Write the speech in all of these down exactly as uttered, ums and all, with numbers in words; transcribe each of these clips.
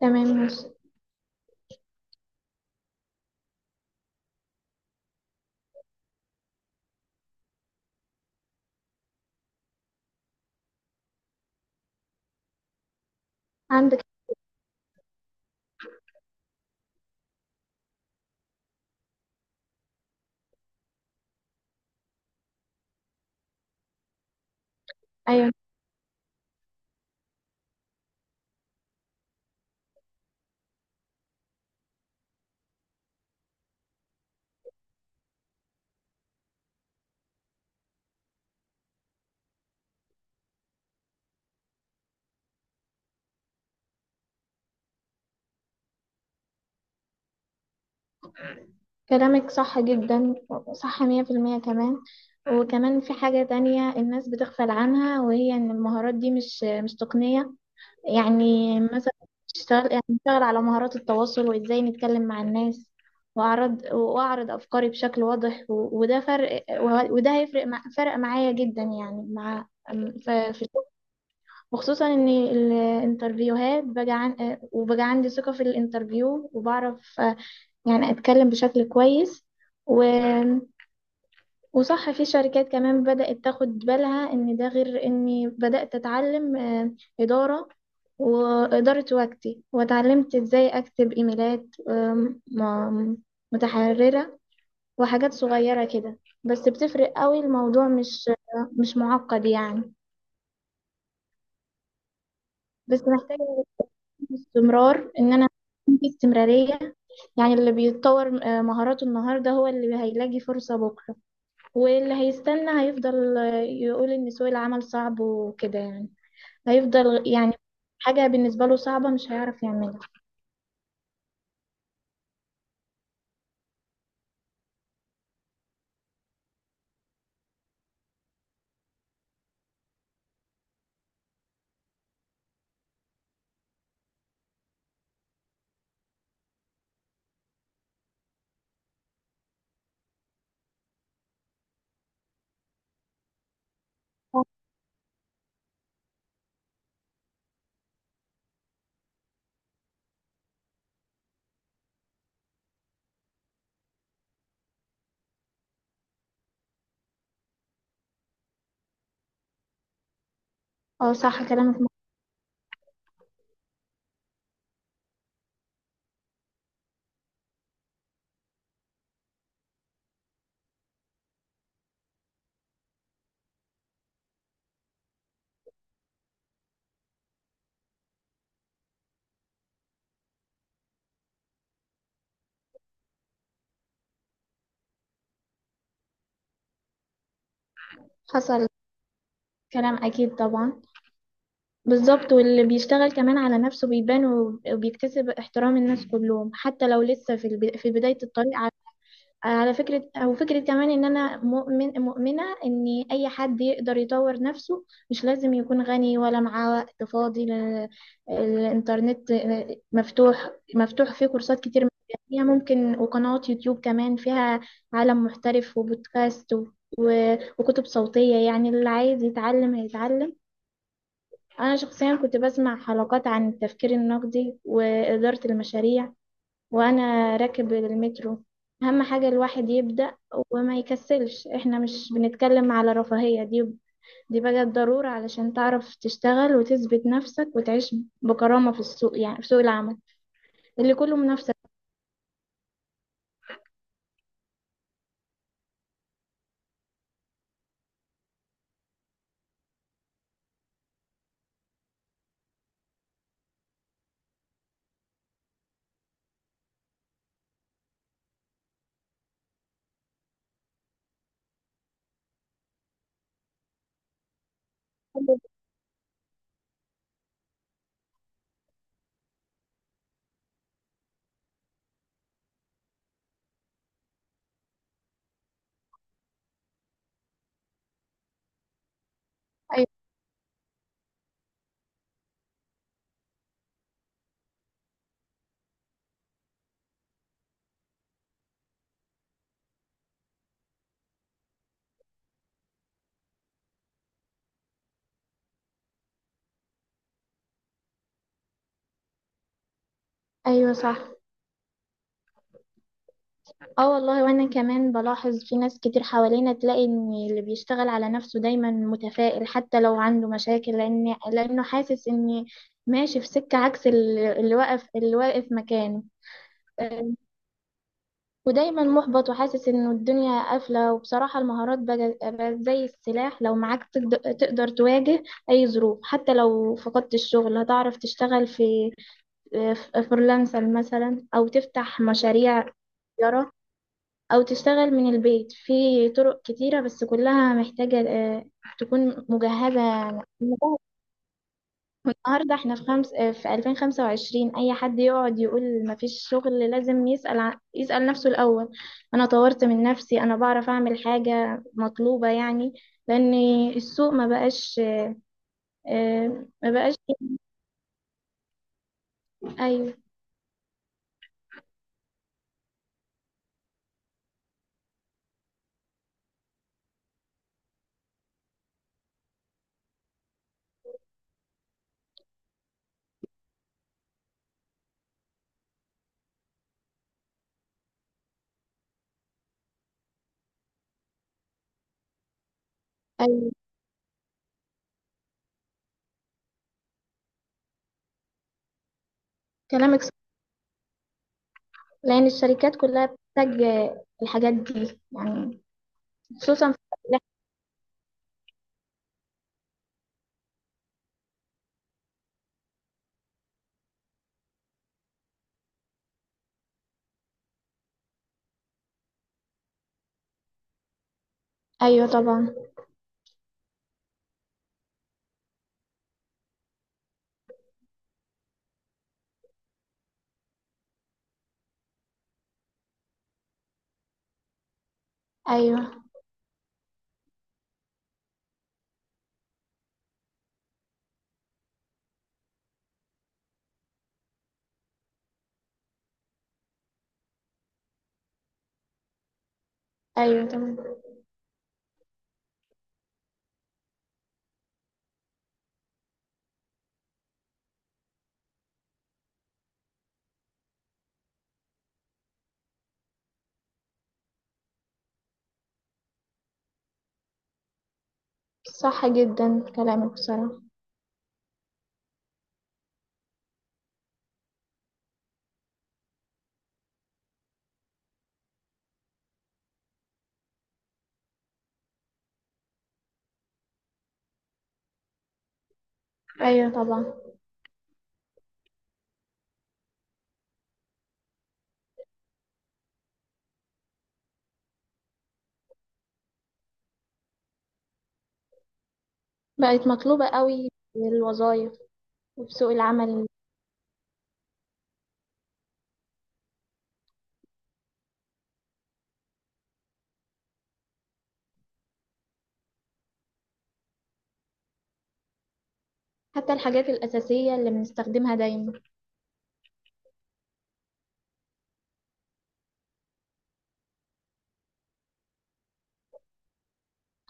تمام ماشي. عندك. أيوة. كلامك صح جدا. صح مية في المية كمان. وكمان في حاجة تانية الناس بتغفل عنها، وهي إن المهارات دي مش مش تقنية. يعني مثلا اشتغل يعني اشتغل على مهارات التواصل، وإزاي نتكلم مع الناس، وأعرض وأعرض أفكاري بشكل واضح، و- وده فرق، و- وده هيفرق، مع فرق معايا جدا، يعني مع ف- في الشغل. وخصوصا ان الانترفيوهات بقى عن... وبقى عندي ثقة في الانترفيو، وبعرف يعني اتكلم بشكل كويس و... وصح. في شركات كمان بدأت تاخد بالها ان ده، غير اني بدأت اتعلم آه، إدارة وإدارة وقتي، وتعلمت ازاي اكتب ايميلات آم، م- متحررة، وحاجات صغيرة كده بس بتفرق قوي. الموضوع مش مش معقد يعني، بس محتاجة استمرار، ان انا أكون في استمرارية. يعني اللي بيتطور آه، مهاراته النهاردة هو اللي هيلاقي فرصة بكرة، واللي هيستنى هيفضل يقول ان سوق العمل صعب وكده يعني. هيفضل يعني حاجة بالنسبة له صعبة مش هيعرف يعملها. اه صح كلامك. حصل، كلام اكيد طبعا. بالظبط، واللي بيشتغل كمان على نفسه بيبان وبيكتسب احترام الناس كلهم، حتى لو لسه في الب... في بداية الطريق. على فكرة، أو فكرة كمان، إن أنا مؤمن مؤمنة إن أي حد يقدر يطور نفسه، مش لازم يكون غني ولا معاه وقت فاضي، لأن الإنترنت مفتوح مفتوح، فيه كورسات كتير مجانية ممكن، وقنوات يوتيوب كمان فيها عالم محترف، وبودكاست و- و- وكتب صوتية. يعني اللي عايز يتعلم هيتعلم. أنا شخصيا كنت بسمع حلقات عن التفكير النقدي وإدارة المشاريع وانا راكب المترو. اهم حاجة الواحد يبدأ وما يكسلش. احنا مش بنتكلم على رفاهية، دي دي بقت ضرورة علشان تعرف تشتغل وتثبت نفسك وتعيش بكرامة في السوق، يعني في سوق العمل اللي كله منافسة. ايوه. أيوة صح. اه والله، وانا كمان بلاحظ في ناس كتير حوالينا، تلاقي ان اللي بيشتغل على نفسه دايما متفائل حتى لو عنده مشاكل، لان لانه حاسس ان ماشي في سكة، عكس اللي اللي واقف اللي واقف مكانه ودايما محبط وحاسس انه الدنيا قافلة. وبصراحة المهارات بقت بقت زي السلاح، لو معاك تقد- تقدر تواجه اي ظروف. حتى لو فقدت الشغل هتعرف تشتغل في في فريلانسر مثلا، او تفتح مشاريع تجارة، او تشتغل من البيت في طرق كتيرة، بس كلها محتاجة آه، تكون مجهزة مجهزة. والنهاردة احنا في خمس اه، في ألفين وخمسة وعشرين. أي حد يقعد يقول مفيش شغل، لازم يسأل ع- يسأل نفسه الأول، أنا طورت من نفسي؟ أنا بعرف أعمل حاجة مطلوبة يعني؟ لأن السوق ما بقاش. اه، ما بقاش. أيوه أيوه. كلامك صح، لأن الشركات كلها بتحتاج اه، الحاجات دي يعني، خصوصا في. أيوه طبعا. أيوه. أيوه طبعا. صح جدا كلامك بصراحة. أيوه طبعا. بقت مطلوبة قوي الوظائف، وفي سوق العمل. حتى الحاجات الأساسية اللي بنستخدمها دايما.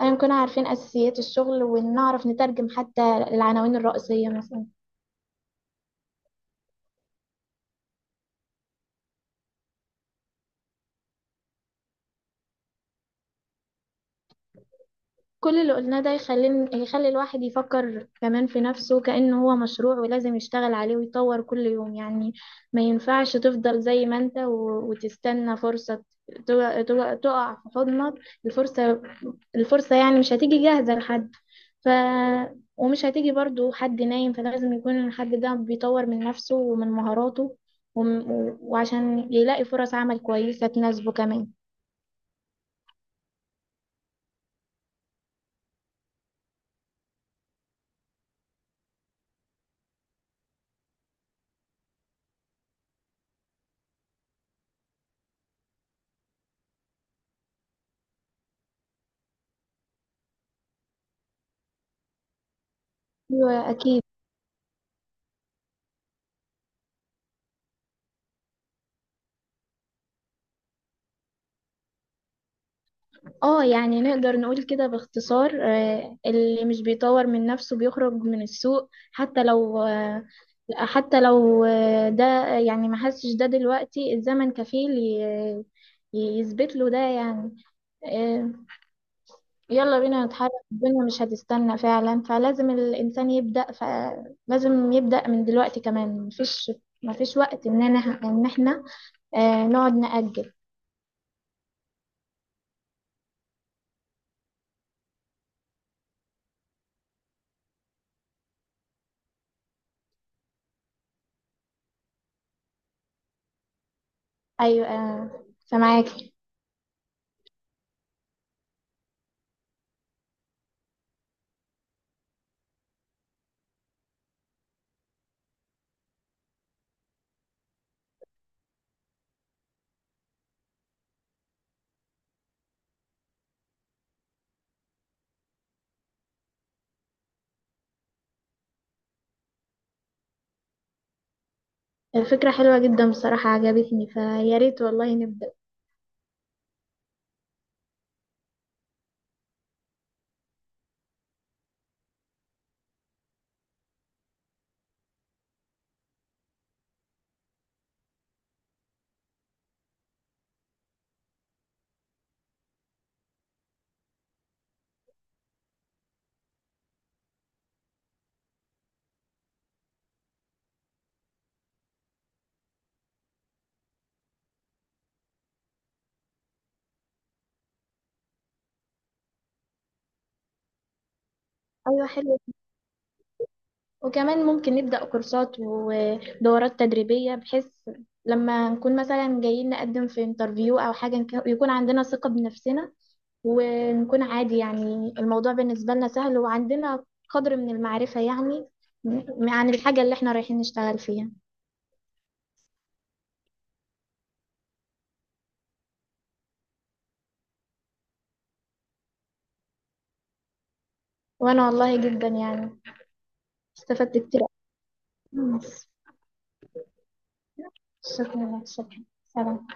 أيا كنا عارفين أساسيات الشغل ونعرف نترجم حتى العناوين الرئيسية مثلا. كل اللي قلناه ده يخلي يخلي الواحد يفكر كمان في نفسه كأنه هو مشروع، ولازم يشتغل عليه ويطور كل يوم يعني. ما ينفعش تفضل زي ما انت و- وتستنى فرصة تو- تو- تقع في حضنك. الفرصة الفرصة يعني مش هتيجي جاهزة لحد. ف ومش هتيجي برضو حد نايم، فلازم يكون الحد ده بيطور من نفسه ومن مهاراته وم- وعشان يلاقي فرص عمل كويسة تناسبه كمان. أيوة أكيد. اه يعني نقدر نقول كده باختصار، آه، اللي مش بيطور من نفسه بيخرج من السوق. حتى لو آه، حتى لو آه، ده، يعني ما حسش ده دلوقتي، الزمن كفيل ي- يثبت له ده يعني. آه، يلا بينا نتحرك، الدنيا مش هتستنى فعلا. فلازم الإنسان يبدأ، فلازم يبدأ من دلوقتي كمان، مفيش مفيش وقت إننا إن احنا آه، نقعد نأجل. أيوة. آه، فمعاكي. الفكرة حلوة جدا بصراحة، عجبتني، فيا ريت والله نبدأ. أيوة حلو. وكمان ممكن نبدأ كورسات ودورات تدريبية، بحيث لما نكون مثلا جايين نقدم في انترفيو أو حاجة نك- يكون عندنا ثقة بنفسنا، ونكون عادي يعني. الموضوع بالنسبة لنا سهل، وعندنا قدر من المعرفة يعني م- عن الحاجة اللي احنا رايحين نشتغل فيها. وأنا والله جدا يعني استفدت كتير. شكرا لك، شكرا، سلام.